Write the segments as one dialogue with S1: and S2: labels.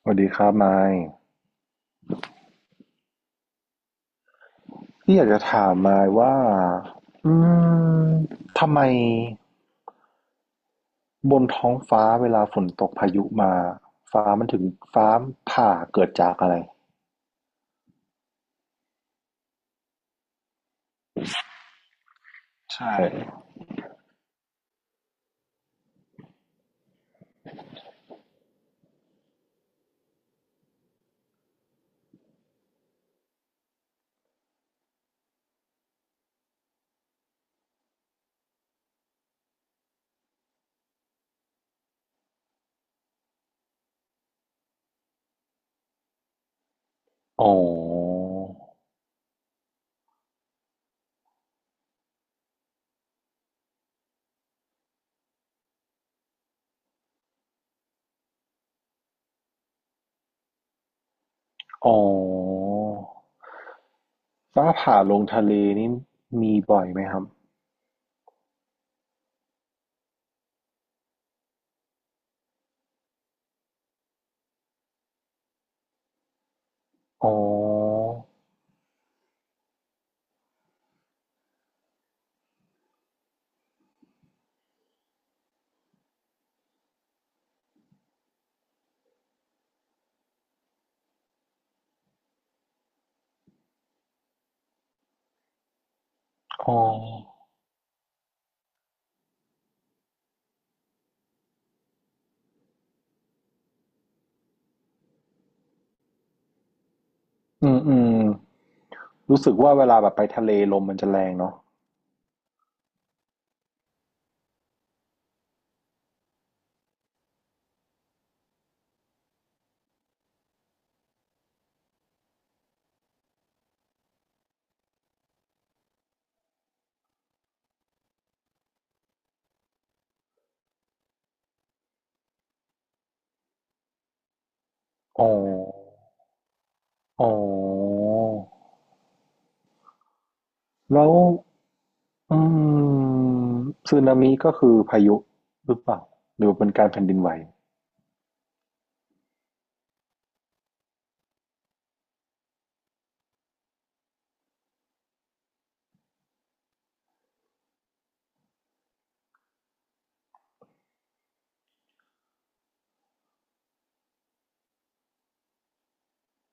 S1: สวัสดีครับไมค์พี่อยากจะถามไมค์ว่าอืมทำไมบนท้องฟ้าเวลาฝนตกพายุมาฟ้ามันถึงฟ้าผ่าเกิดจากอะไรใช่ออ๋ออ๋อฟ้าผ่าลงทะเลนี่มีบ่อยไหมครับอ๋ออ๋ออืมอืมรู้สึกว่าเวลาแบบไปทะเลลมมันจะแรงเนาะอ๋ออ๋อแล้ว อืมสึนามิก็คือพายุหรือเปล่าหรือเป็นการแผ่นดินไหว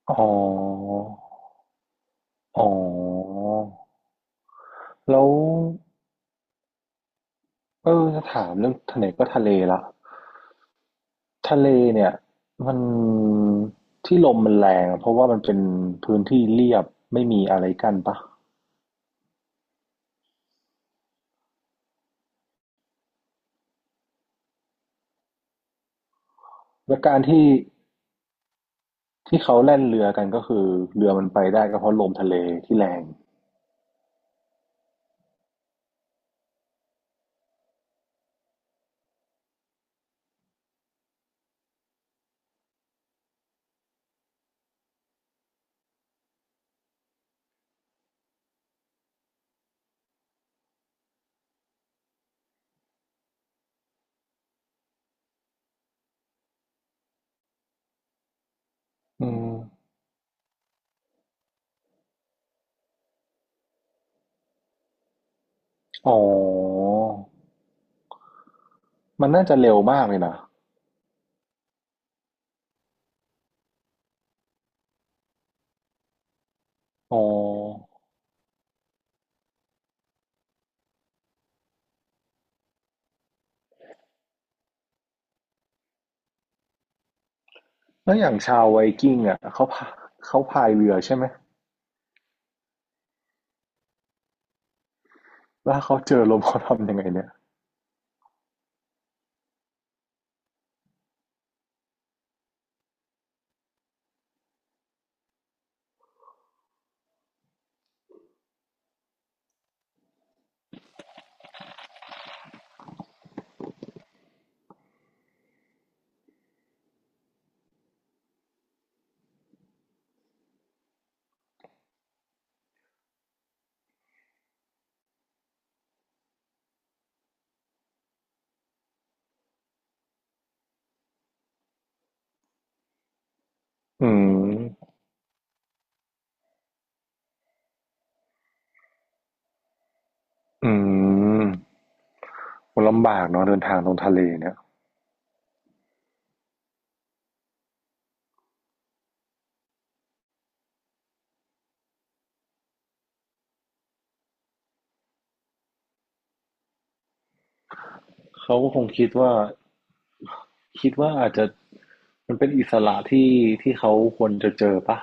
S1: อ๋ออ๋อแล้วเออจะถามเรื่องทะเลก็ทะเลละทะเลเนี่ยมันที่ลมมันแรงอะเพราะว่ามันเป็นพื้นที่เรียบไม่มีอะไรกั้นปะและการที่ที่เขาแล่นเรือกันก็คือเรือมันไปได้ก็เพราะลมทะเลที่แรงอืมอ๋อมันน่าจะเร็วมากเลยนะอ๋อ แล้วอย่างชาวไวกิ้งอ่ะเขาพายเรือใช่ไหมแล้วถ้าเขาเจอลมเขาทำยังไงเนี่ยอืมอืมมันลำบากเนาะเดินทางตรงทะเลเนี่ยเขาก็คงคิดว่าอาจจะมันเป็นอิสระที่ที่เขาควรจะเจอปะ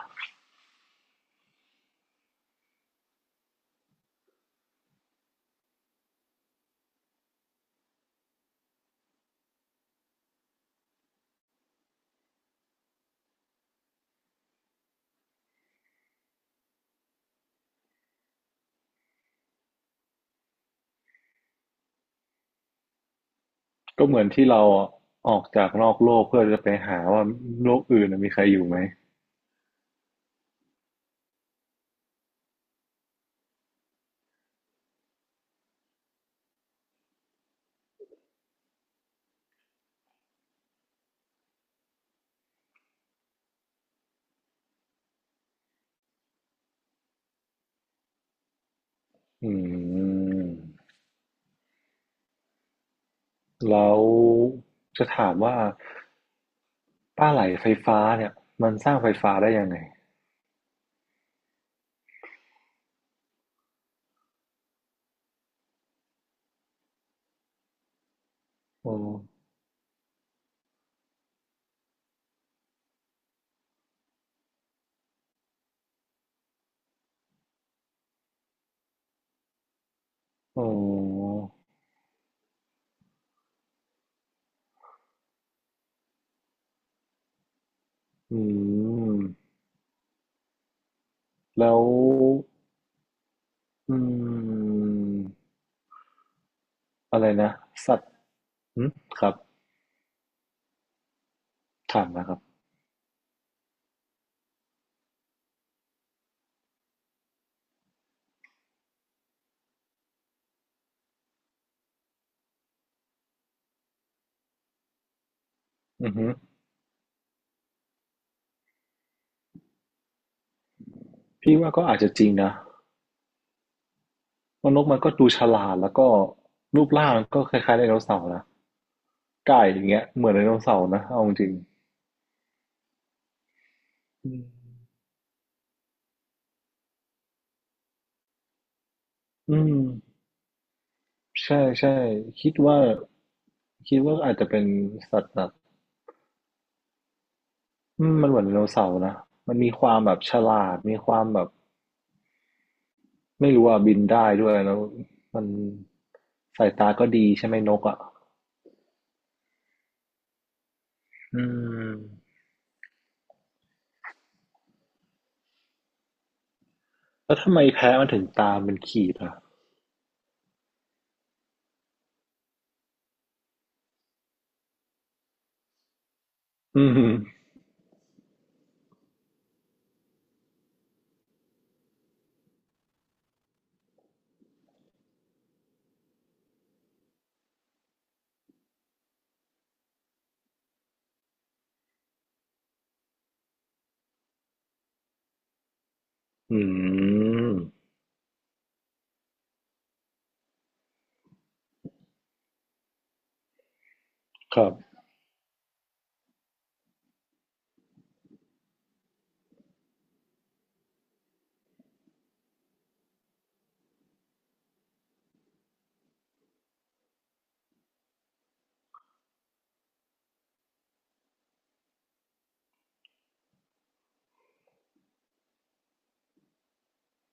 S1: ก็เหมือนที่เราออกจากนอกโลกเพื่อจะไปหาว่าโลกอื่นน่ะมีใครอยู่ไหมอืมแล้วจะถามว่าป้าไหลไฟฟ้าเนี่ยมันสร้างไฟฟ้าได้ยังไงอ อ๋ออืมแล้วอืมอะไรนะ สัตว์อืมครับถามนะครับอือฮึพี่ว่าก็อาจจะจริงนะว่านกมันก็ดูฉลาดแล้วก็รูปร่างก็คล้ายๆไดโนเสาร์นะไก่อย่างเงี้ยเหมือนไดโนเสาร์นะเอาจริงๆอืมอืมใช่ใช่คิดว่า อาจจะเป็นสัตว์แบบอืมมันเหมือนไดโนเสาร์นะมันมีความแบบฉลาดมีความแบบ ไม่รู้อ่ะบินได้ด้วยแล้วมันสายตาก็ดีใช่ไหมนกอ่ะอืมแล้วทำไมแพะมันถึงตามเป็นขีดอ่ะอืมอืมครับ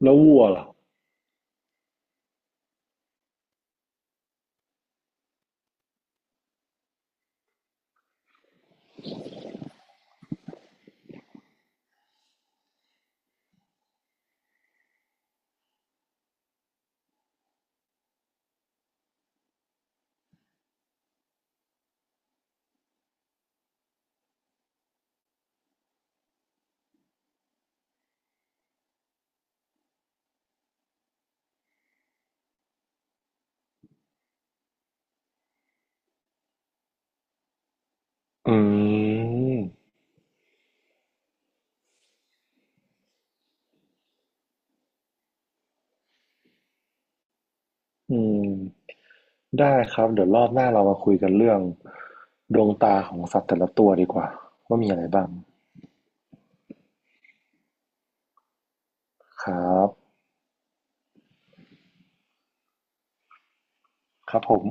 S1: แล้ววัวล่ะอืมอืมได้ครับเดี๋ยวรอบหน้าเรามาคุยกันเรื่องดวงตาของสัตว์แต่ละตัวดีกว่าว่ามีอะไรบ้างครับครับผม